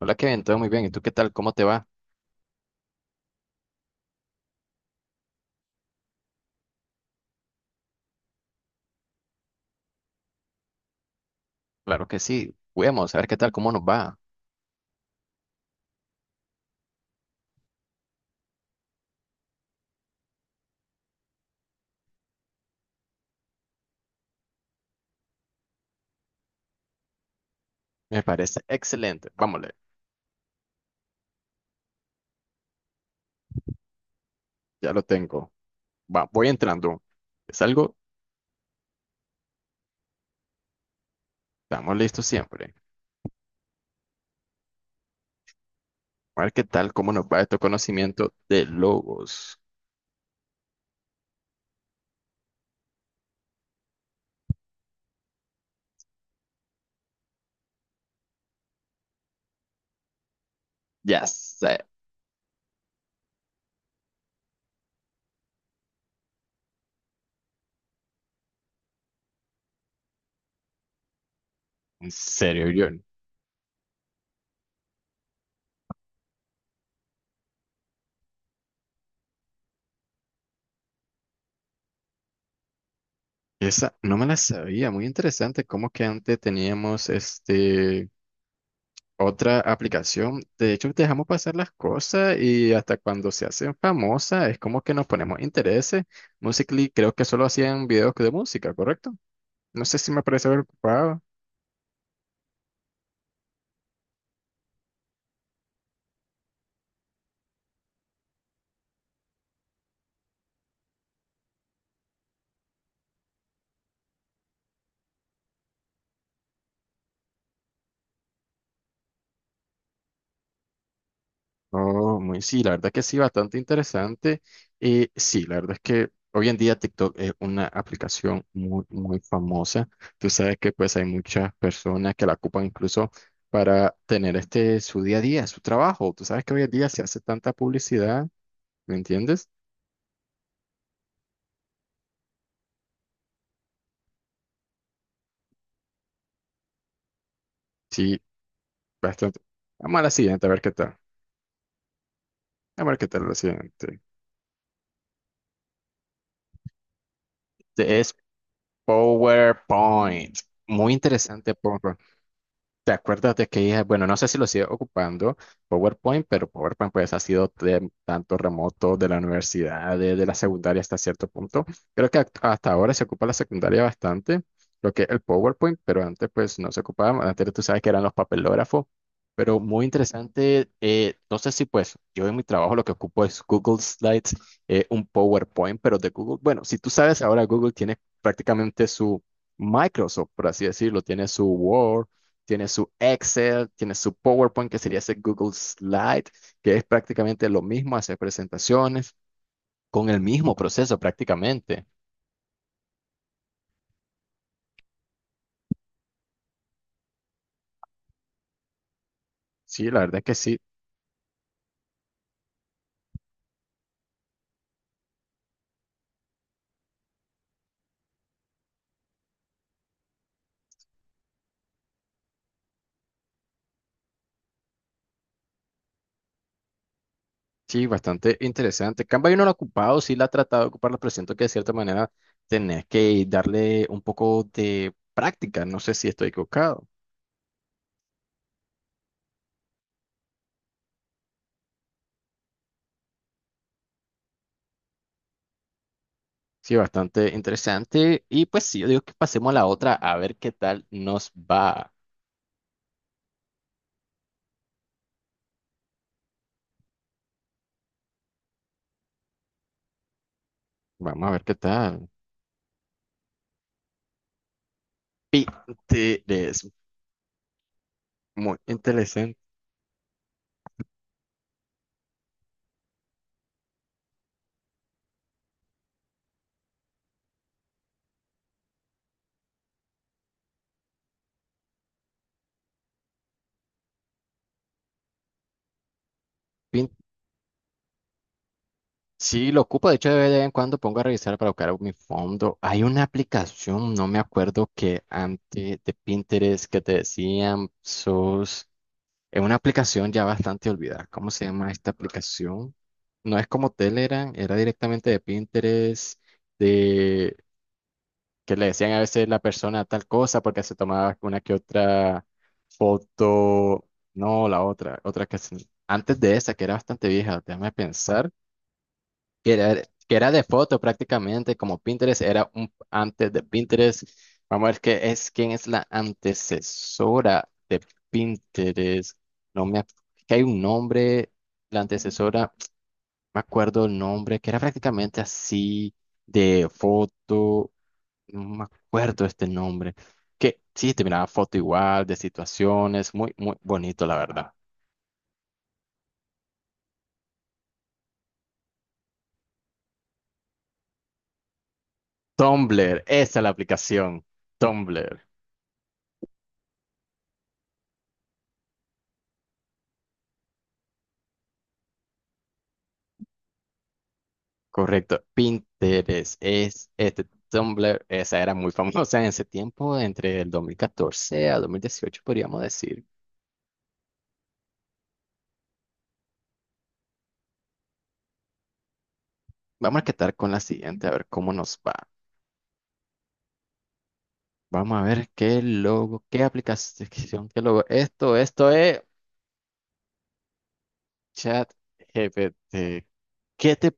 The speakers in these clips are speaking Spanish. Hola Kevin, todo muy bien. ¿Y tú qué tal? ¿Cómo te va? Claro que sí. Vamos a ver qué tal, cómo nos va. Me parece excelente. Vámonos, ya lo tengo. Va, voy entrando. Es algo, estamos listos siempre. A ver qué tal, cómo nos va este conocimiento de logos. Ya sé, en serio, yo. Esa no me la sabía. Muy interesante cómo que antes teníamos este otra aplicación. De hecho, dejamos pasar las cosas y hasta cuando se hacen famosas es como que nos ponemos intereses. Musical.ly creo que solo hacían videos de música, ¿correcto? No sé si me parece preocupado. Oh, muy sí, la verdad que sí, bastante interesante. Y sí, la verdad es que hoy en día TikTok es una aplicación muy, muy famosa. Tú sabes que pues hay muchas personas que la ocupan incluso para tener este su día a día, su trabajo. Tú sabes que hoy en día se hace tanta publicidad, ¿me entiendes? Sí, bastante. Vamos a la siguiente, a ver qué tal. A ver qué tal la siguiente. Este es PowerPoint. Muy interesante, PowerPoint. ¿Te acuerdas de que dije, bueno, no sé si lo sigue ocupando PowerPoint, pero PowerPoint pues ha sido de tanto remoto de la universidad, de la secundaria hasta cierto punto? Creo que hasta ahora se ocupa la secundaria bastante, lo que es el PowerPoint, pero antes pues no se ocupaba, antes tú sabes que eran los papelógrafos, pero muy interesante. No sé si pues yo en mi trabajo lo que ocupo es Google Slides, un PowerPoint, pero de Google. Bueno, si tú sabes ahora Google tiene prácticamente su... Microsoft, por así decirlo, tiene su Word, tiene su Excel, tiene su PowerPoint, que sería ese Google Slide, que es prácticamente lo mismo, hacer presentaciones con el mismo proceso prácticamente. Sí, la verdad es que sí, bastante interesante. Canva yo no lo he ocupado, sí la he tratado de ocupar, pero siento que de cierta manera tenés que darle un poco de práctica, no sé si estoy equivocado. Sí, bastante interesante. Y pues sí, yo digo que pasemos a la otra a ver qué tal nos va. Vamos a ver qué tal. Pinterest, muy interesante. Sí, lo ocupo. De hecho, de vez en cuando pongo a revisar para buscar mi fondo. Hay una aplicación, no me acuerdo, que antes de Pinterest que te decían sos. Es una aplicación ya bastante olvidada. ¿Cómo se llama esta aplicación? No es como Telegram, era directamente de Pinterest, de que le decían a veces la persona tal cosa porque se tomaba una que otra foto. No, la otra, antes de esa, que era bastante vieja, déjame pensar, que era, que era de foto prácticamente, como Pinterest, era un antes de Pinterest. Vamos a ver qué es, quién es la antecesora de Pinterest. No me, ac- Que hay un nombre, la antecesora, me acuerdo el nombre, que era prácticamente así de foto, no me acuerdo este nombre. Que sí, te miraba foto igual, de situaciones, muy, muy bonito, la verdad. Tumblr, esa es la aplicación, Tumblr. Correcto, Pinterest es este Tumblr, esa era muy famosa en ese tiempo, entre el 2014 a 2018 podríamos decir. Vamos a quedar con la siguiente, a ver cómo nos va. Vamos a ver qué logo, qué aplicación, qué logo. Esto es ChatGPT. ¿Qué te...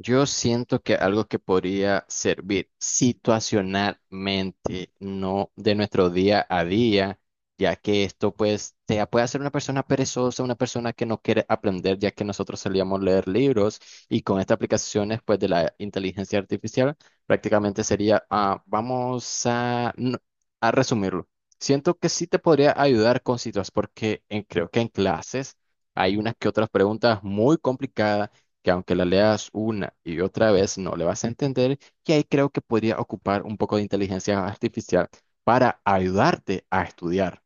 Yo siento que algo que podría servir situacionalmente, no de nuestro día a día, ya que esto pues te puede hacer una persona perezosa, una persona que no quiere aprender, ya que nosotros solíamos leer libros y con estas aplicaciones pues de la inteligencia artificial prácticamente sería, vamos a, a resumirlo. Siento que sí te podría ayudar con situaciones porque creo que en clases hay unas que otras preguntas muy complicadas que aunque la leas una y otra vez no le vas a entender, y ahí creo que podría ocupar un poco de inteligencia artificial para ayudarte a estudiar.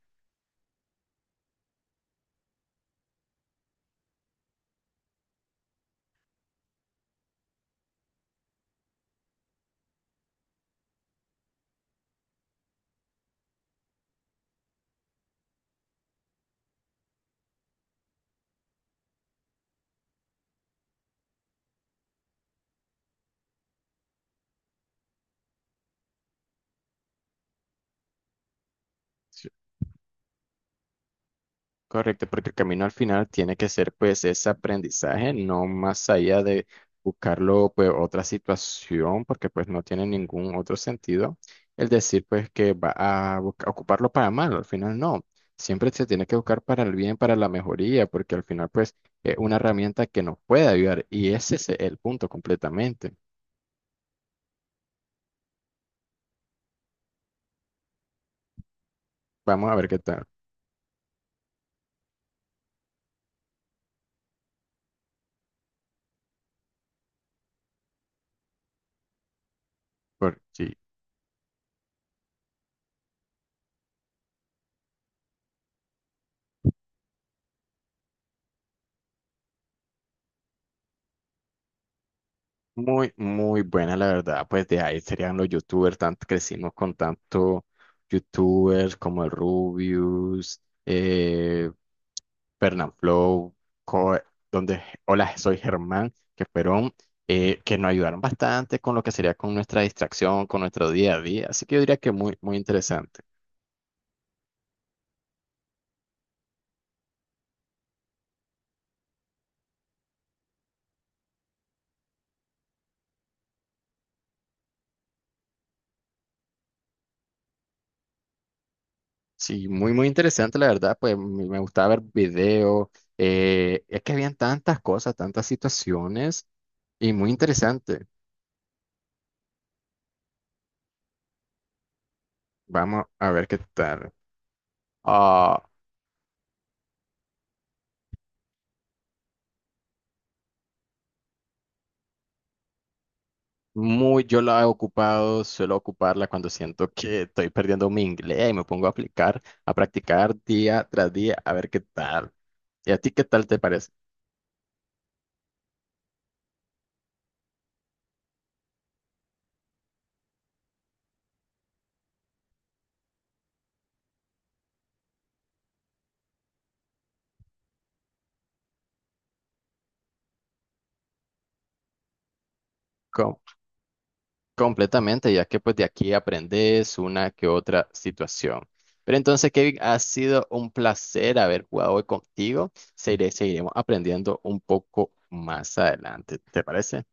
Correcto, porque el camino al final tiene que ser pues ese aprendizaje, no más allá de buscarlo pues otra situación, porque pues no tiene ningún otro sentido el decir pues que va a ocuparlo para mal, al final no, siempre se tiene que buscar para el bien, para la mejoría, porque al final pues es una herramienta que nos puede ayudar y ese es el punto completamente. Vamos a ver qué tal, por sí. Muy, muy buena, la verdad. Pues de ahí serían los youtubers, tanto crecimos con tanto youtubers como el Rubius, eh, Flow, donde Hola, soy Germán, que fueron, que nos ayudaron bastante con lo que sería con nuestra distracción, con nuestro día a día. Así que yo diría que muy, muy interesante. Sí, muy, muy interesante, la verdad. Pues me gustaba ver videos. Es que habían tantas cosas, tantas situaciones y muy interesante. Vamos a ver qué tal. Ah, muy, yo la he ocupado, suelo ocuparla cuando siento que estoy perdiendo mi inglés y me pongo a aplicar, a practicar día tras día, a ver qué tal. ¿Y a ti qué tal te parece? Com- Completamente, ya que pues de aquí aprendes una que otra situación. Pero entonces, Kevin, ha sido un placer haber jugado hoy contigo. Seguiremos aprendiendo un poco más adelante. ¿Te parece?